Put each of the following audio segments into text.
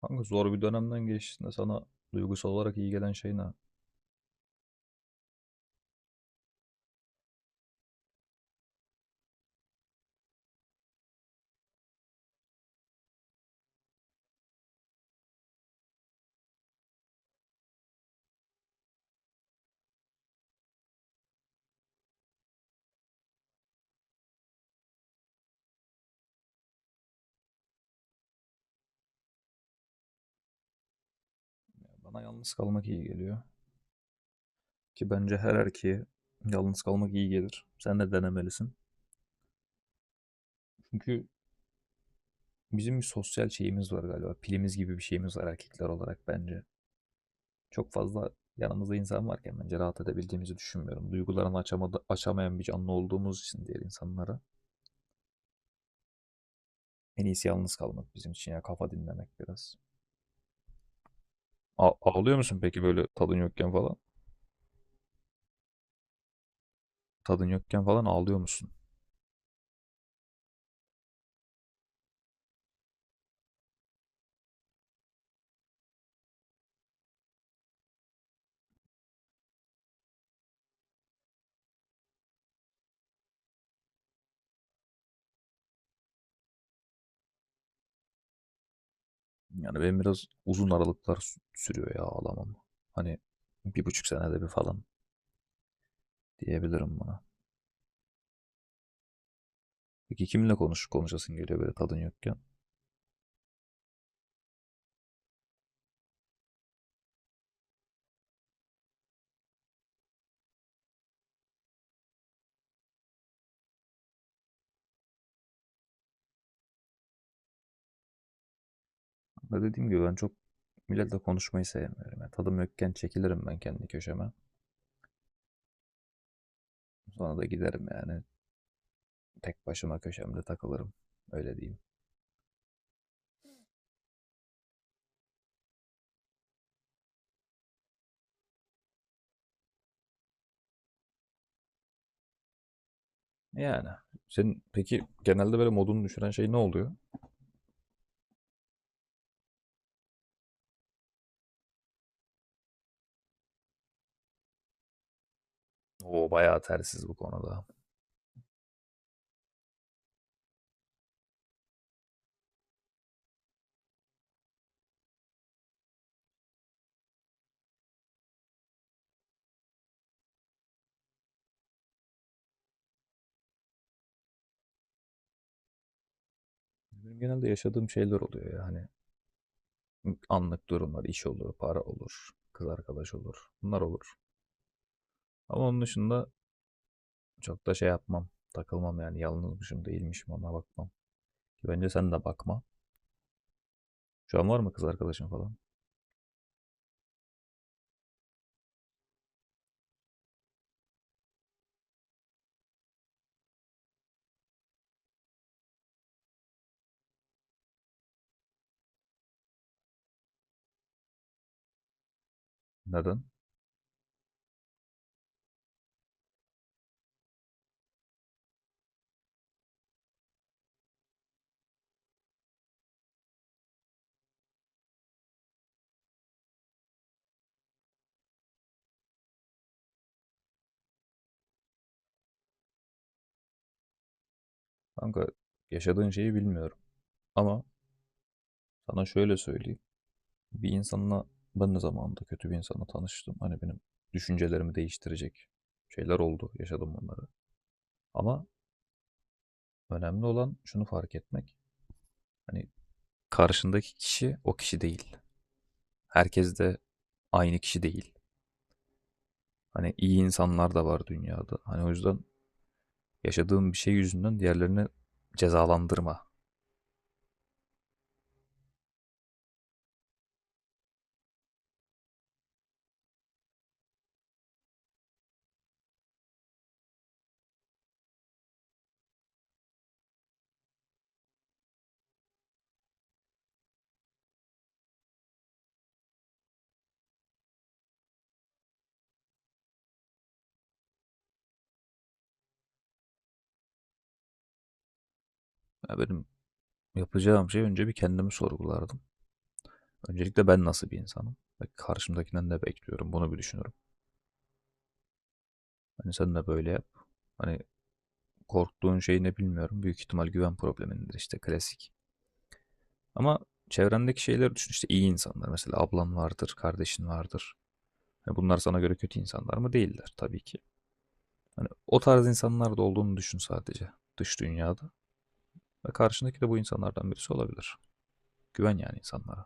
Kanka zor bir dönemden geçtiğinde sana duygusal olarak iyi gelen şey ne? Bana yalnız kalmak iyi geliyor. Ki bence her erkeğe yalnız kalmak iyi gelir. Sen de denemelisin. Çünkü bizim bir sosyal şeyimiz var galiba. Pilimiz gibi bir şeyimiz var erkekler olarak bence. Çok fazla yanımızda insan varken bence rahat edebildiğimizi düşünmüyorum. Duygularını açamayan bir canlı olduğumuz için diğer insanlara. En iyisi yalnız kalmak bizim için ya, kafa dinlemek biraz. Ağlıyor musun peki böyle tadın yokken falan? Tadın yokken falan ağlıyor musun? Yani benim biraz uzun aralıklar sürüyor ya ağlamam. Hani bir buçuk senede bir falan diyebilirim buna. Peki kiminle konuşasın geliyor böyle tadın yokken? Ama dediğim gibi ben çok milletle konuşmayı sevmiyorum. Yani tadım yokken çekilirim ben kendi köşeme. Sonra da giderim yani tek başıma köşemde takılırım. Öyle diyeyim. Yani senin peki genelde böyle modunu düşüren şey ne oluyor? O bayağı tersiz bu konuda. Benim genelde yaşadığım şeyler oluyor yani anlık durumlar, iş olur, para olur, kız arkadaş olur, bunlar olur. Ama onun dışında çok da şey yapmam, takılmam yani yalnızmışım değilmişim ona bakmam. Ki bence sen de bakma. Şu an var mı kız arkadaşın falan? Neden? Kanka yaşadığın şeyi bilmiyorum. Ama sana şöyle söyleyeyim. Bir insanla Ben de zamanında kötü bir insanla tanıştım. Hani benim düşüncelerimi değiştirecek şeyler oldu. Yaşadım bunları. Ama önemli olan şunu fark etmek. Hani karşındaki kişi o kişi değil. Herkes de aynı kişi değil. Hani iyi insanlar da var dünyada. Hani o yüzden yaşadığım bir şey yüzünden diğerlerini cezalandırma. Ya benim yapacağım şey, önce bir kendimi sorgulardım. Öncelikle ben nasıl bir insanım? Ve karşımdakinden ne bekliyorum? Bunu bir düşünürüm. Hani sen de böyle yap. Hani korktuğun şey ne bilmiyorum. Büyük ihtimal güven problemindir işte, klasik. Ama çevrendeki şeyleri düşün işte, iyi insanlar. Mesela ablan vardır, kardeşin vardır. Hani bunlar sana göre kötü insanlar mı? Değiller tabii ki. Hani o tarz insanlar da olduğunu düşün sadece dış dünyada. Ve karşındaki de bu insanlardan birisi olabilir. Güven yani insanlara.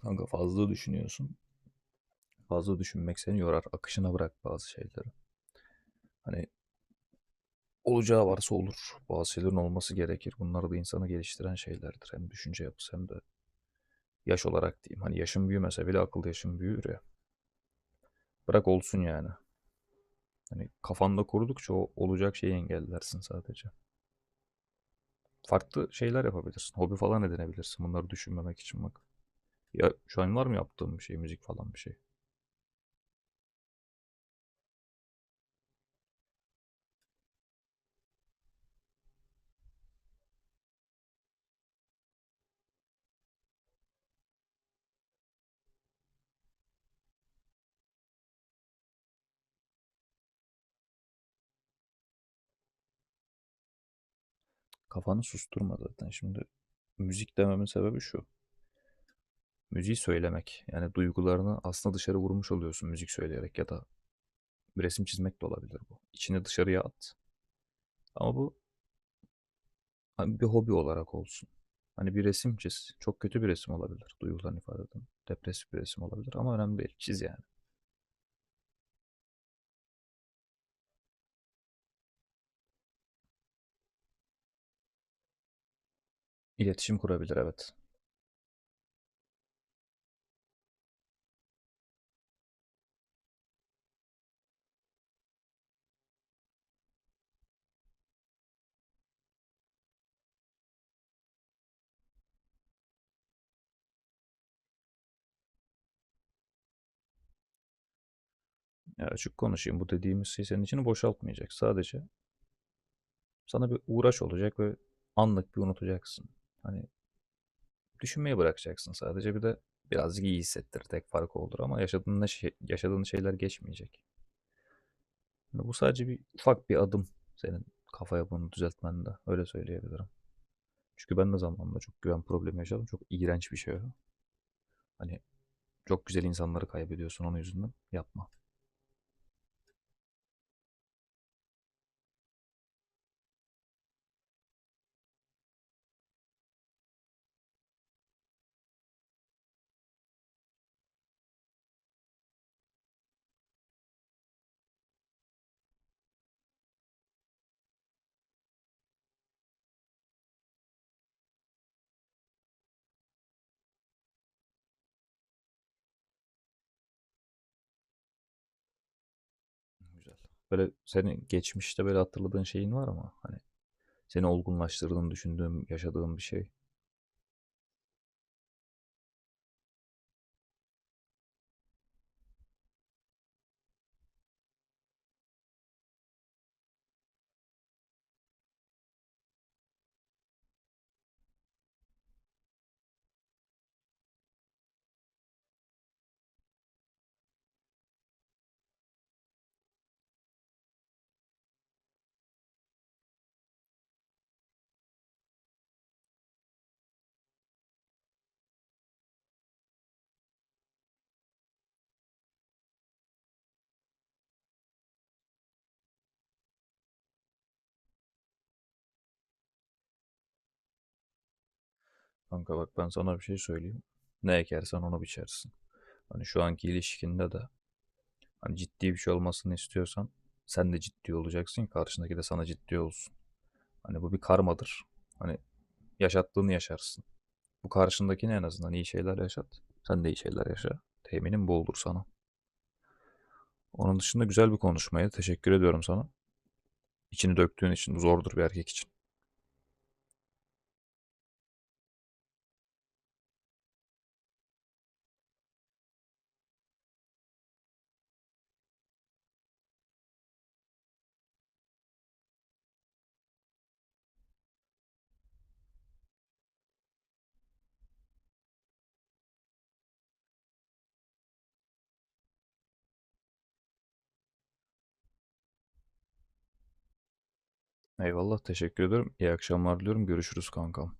Kanka fazla düşünüyorsun. Fazla düşünmek seni yorar. Akışına bırak bazı şeyleri. Hani olacağı varsa olur. Bazı şeylerin olması gerekir. Bunlar da insanı geliştiren şeylerdir. Hem düşünce yapısı hem de yaş olarak diyeyim. Hani yaşım büyümese bile akıl yaşım büyür ya. Bırak olsun yani. Hani kafanda kurdukça o olacak şeyi engellersin sadece. Farklı şeyler yapabilirsin. Hobi falan edinebilirsin. Bunları düşünmemek için bak. Ya şu an var mı yaptığım bir şey, müzik falan bir şey? Kafanı susturma zaten. Şimdi müzik dememin sebebi şu: müziği söylemek. Yani duygularını aslında dışarı vurmuş oluyorsun müzik söyleyerek, ya da resim çizmek de olabilir bu. İçini dışarıya at. Ama bu, hani bir hobi olarak olsun. Hani bir resim çiz. Çok kötü bir resim olabilir, duygularını ifade eden. Depresif bir resim olabilir ama önemli değil. Çiz yani. İletişim kurabilir, evet. Ya açık konuşayım. Bu dediğimiz şey senin içini boşaltmayacak. Sadece sana bir uğraş olacak ve anlık bir unutacaksın. Hani düşünmeyi bırakacaksın sadece. Bir de birazcık iyi hissettir. Tek farkı olur ama yaşadığın, yaşadığın şeyler geçmeyecek. Yani bu sadece ufak bir adım senin kafa yapını düzeltmende. Öyle söyleyebilirim. Çünkü ben de zamanında çok güven problemi yaşadım. Çok iğrenç bir şey o. Hani çok güzel insanları kaybediyorsun onun yüzünden. Yapma. Güzel. Böyle senin geçmişte böyle hatırladığın şeyin var mı? Hani seni olgunlaştırdığını düşündüğüm, yaşadığın bir şey. Kanka bak, ben sana bir şey söyleyeyim. Ne ekersen onu biçersin. Hani şu anki ilişkinde de hani ciddi bir şey olmasını istiyorsan sen de ciddi olacaksın. Karşındaki de sana ciddi olsun. Hani bu bir karmadır. Hani yaşattığını yaşarsın. Bu karşındakine en azından iyi şeyler yaşat. Sen de iyi şeyler yaşa. Teminim bu olur sana. Onun dışında güzel bir konuşmaydı. Teşekkür ediyorum sana. İçini döktüğün için, zordur bir erkek için. Eyvallah, teşekkür ederim. İyi akşamlar diliyorum. Görüşürüz kankam.